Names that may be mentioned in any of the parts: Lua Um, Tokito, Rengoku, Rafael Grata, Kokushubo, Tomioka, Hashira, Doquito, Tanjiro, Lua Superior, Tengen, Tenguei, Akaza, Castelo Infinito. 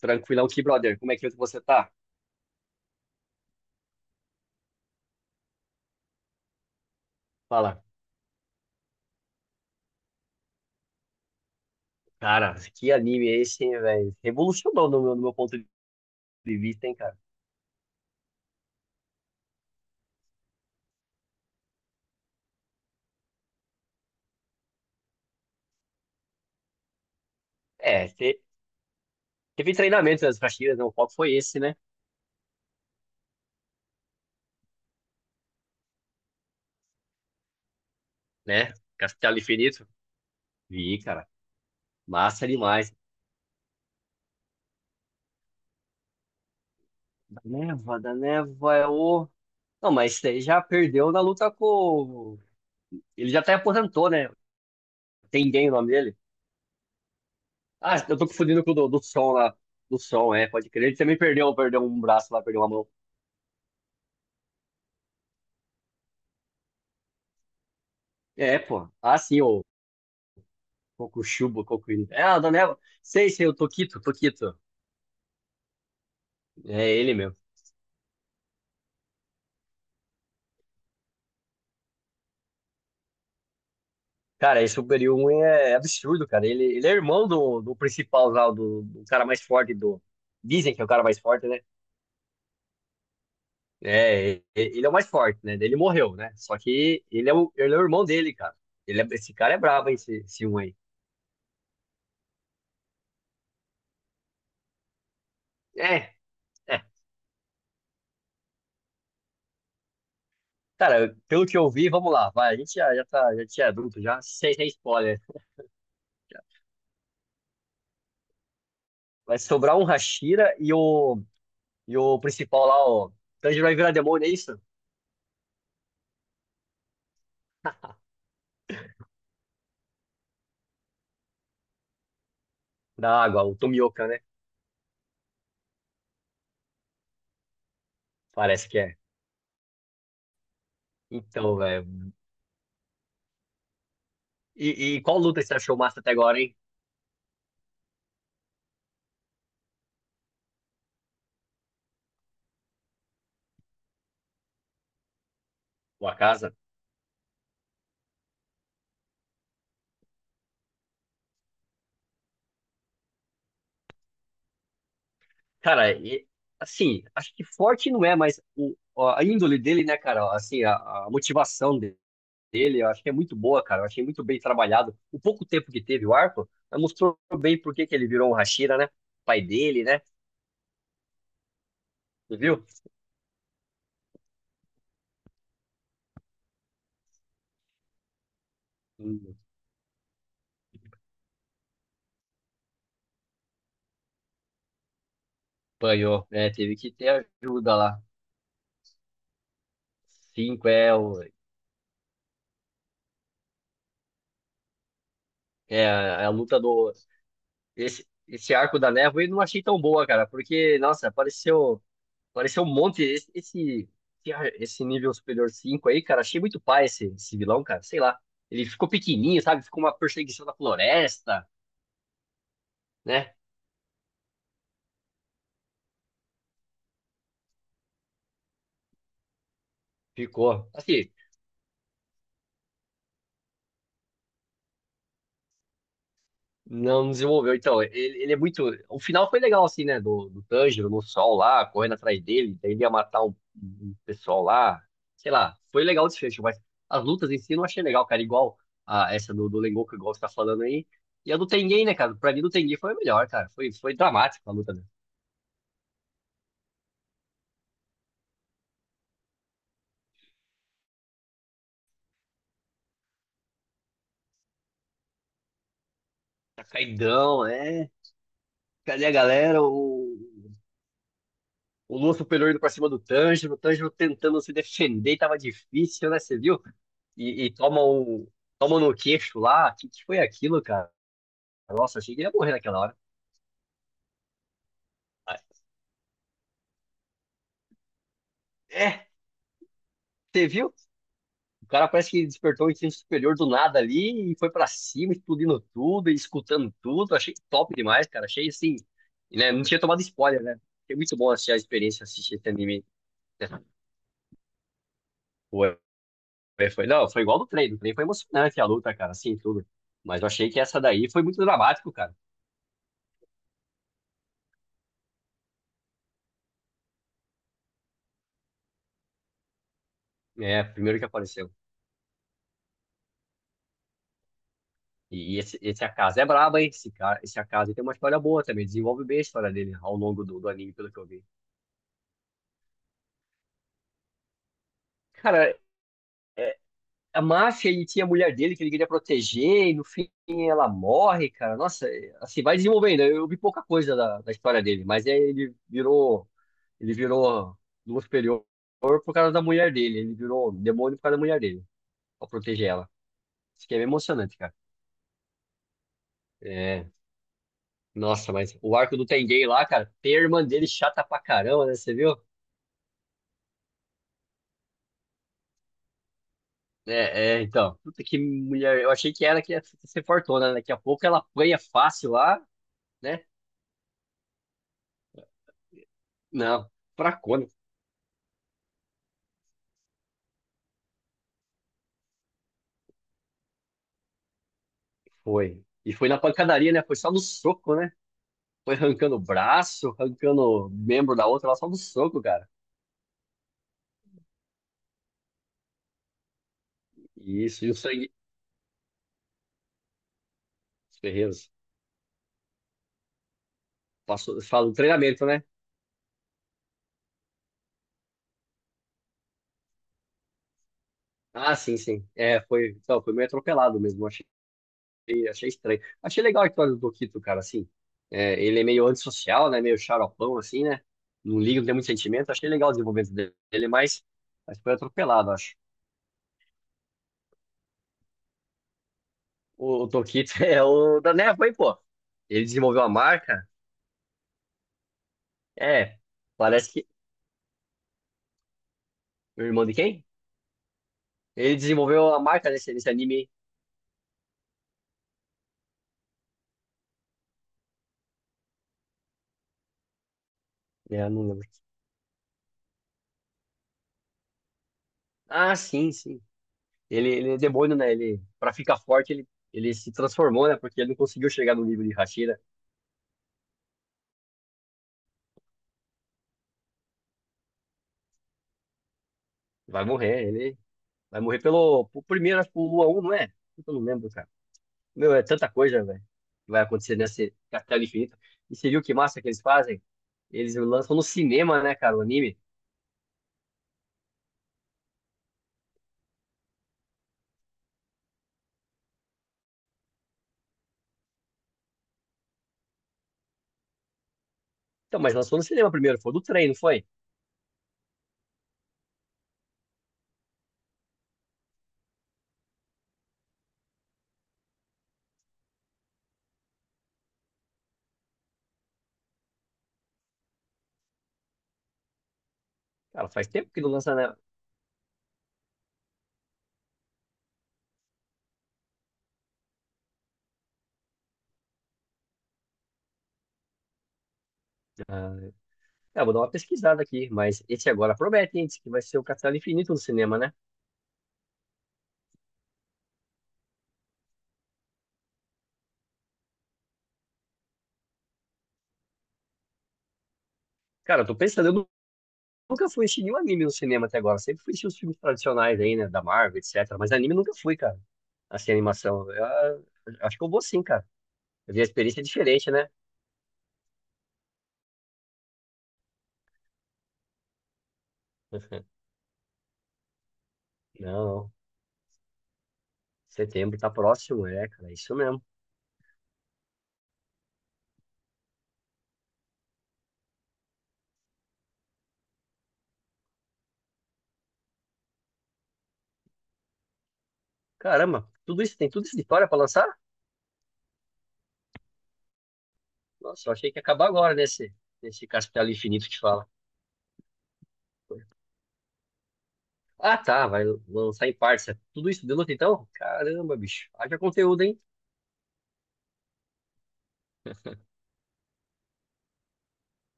Tranquilão aqui, brother. Como é que você tá? Fala. Cara, que anime é esse, hein, velho? Revolucionou no meu ponto de vista, hein, cara? É, teve treinamento das Castilhas, né? O foco foi esse, né? Né? Castelo Infinito. Vi, cara. Massa demais. Da Neva é o. Não, mas isso aí já perdeu na luta com. Ele já até aposentou, né? Tengen o nome dele. Ah, eu tô confundindo com o do som lá. Do som, é, pode crer. Ele também perdeu um braço lá, perdeu uma mão. É, pô. Ah, sim, Kokushubo, Kokuri. É, a Daniela. Sei, o Tokito, Tokito. É ele mesmo. Cara, esse Superior 1 é absurdo, cara. Ele é irmão do principal lá, do cara mais forte do. Dizem que é o cara mais forte, né? É, ele é o mais forte, né? Ele morreu, né? Só que ele é o irmão dele, cara. Esse cara é brabo, hein, esse um, aí. É, é. Cara, pelo que eu vi, vamos lá. Vai, a gente já, já tá, já tinha adulto, já, sem spoiler. Vai sobrar um Hashira e o. E o principal lá, ó, Tanjiro vai virar demônio, é isso? Da água, o Tomioka, né? Parece que é. Então, velho. E qual luta você achou massa até agora, hein? O Akaza? Cara, assim, acho que forte não é, mas a índole dele, né, cara? Assim, a motivação dele, eu acho que é muito boa, cara. Eu achei muito bem trabalhado. O pouco tempo que teve o arco, mostrou bem por que que ele virou um Hashira, né? Pai dele, né? Você viu? Hum, Apanhou, né? Teve que ter ajuda lá. Cinco é o. É, a luta do. Esse arco da névoa eu não achei tão boa, cara, porque, nossa, apareceu um monte. Esse nível superior 5 aí, cara, achei muito pai esse vilão, cara, sei lá. Ele ficou pequenininho, sabe? Ficou uma perseguição na floresta, né? Ficou. Assim, não desenvolveu. Então, ele é muito. O final foi legal, assim, né? Do Tanjiro no sol lá, correndo atrás dele. Daí ele ia matar um pessoal lá. Sei lá, foi legal o desfecho, mas as lutas em si eu não achei legal, cara. Igual a essa do Rengoku, igual você tá falando aí. E a do Tengen, né, cara? Pra mim, do Tengen foi a melhor, cara. Foi dramático a luta, né? Tá caidão, é. Cadê a galera? O Lua superior indo pra cima do Tanjiro, o Tanjiro tentando se defender, e tava difícil, né? Você viu? E toma um no queixo lá. O que, que foi aquilo, cara? Nossa, achei que ele ia morrer naquela hora. É, você viu? O cara parece que despertou o instinto superior do nada ali e foi pra cima, explodindo tudo, e escutando tudo. Achei top demais, cara. Achei assim, né? Não tinha tomado spoiler, né? Foi muito bom assistir a experiência, assistir esse anime. Né? Foi. Não, foi igual do trem. Do trem foi emocionante a luta, cara, assim, tudo. Mas eu achei que essa daí foi muito dramático, cara. É, primeiro que apareceu. E, esse Akaza é brabo, hein? Esse, cara, esse Akaza tem uma história boa também. Desenvolve bem a história dele ao longo do anime, pelo que eu vi. Cara, é, a máfia, ele tinha a mulher dele que ele queria proteger, e no fim ela morre, cara. Nossa, é, assim, vai desenvolvendo. Eu vi pouca coisa da história dele, mas é, ele virou. Ele virou Lua Superior por causa da mulher dele. Ele virou demônio por causa da mulher dele. Pra proteger ela. Isso aqui é bem emocionante, cara. É. Nossa, mas o arco do Tenguei lá, cara, tem a irmã dele chata pra caramba, né? Você viu? É, é, então. Puta que mulher. Eu achei que era que ia ser fortuna, né? Daqui a pouco ela apanha fácil lá, né? Não, fracona. Foi. E foi na pancadaria, né? Foi só no soco, né? Foi arrancando o braço, arrancando o membro da outra, lá só no soco, cara. Isso, e o sangue. Os ferreiros. Passou, fala do treinamento, né? Ah, sim, sim. É, foi. Então, foi meio atropelado mesmo, eu achei. E achei estranho. Achei legal a história do Doquito, cara, assim. É, ele é meio antissocial, né? Meio xaropão, assim, né? Não liga, não tem muito sentimento. Achei legal o desenvolvimento dele, mas, foi atropelado, acho. O Doquito é o da Neva, hein, pô? Ele desenvolveu a marca. É, parece que. O irmão de quem? Ele desenvolveu a marca nesse anime. É, eu não lembro. Ah, sim, sim. Ele é demônio, né? Ele, pra ficar forte, ele se transformou, né? Porque ele não conseguiu chegar no nível de Hashira. Vai morrer, ele. Vai morrer por primeiro, acho que pelo Lua Um, não é? Puta, eu não lembro, cara. Meu, é tanta coisa, velho, que vai acontecer nesse Castelo Infinito. E você viu que massa que eles fazem? Eles lançam no cinema, né, cara, o anime. Então, mas lançou no cinema primeiro, foi do trem, não foi? Cara, faz tempo que não lança, né? Ah, é, vou dar uma pesquisada aqui, mas esse agora promete, hein, diz que vai ser o Castelo Infinito no cinema, né? Cara, eu tô pensando, nunca fui assistir nenhum anime no cinema até agora, sempre fui assistir os filmes tradicionais aí, né, da Marvel, etc. Mas anime nunca fui, cara, assim, animação. Acho que eu vou sim, cara. Eu vi a experiência diferente, né? Não, não. Setembro tá próximo, é, cara. É isso mesmo. Caramba, tudo isso, tem tudo isso de história pra lançar? Nossa, eu achei que ia acabar agora nesse castelo infinito que fala. Ah, tá, vai lançar em partes. É tudo isso de luta, então? Caramba, bicho. Haja conteúdo, hein?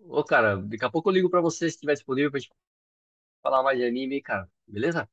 Ô, cara, daqui a pouco eu ligo pra você se tiver disponível pra gente falar mais de anime, cara. Beleza?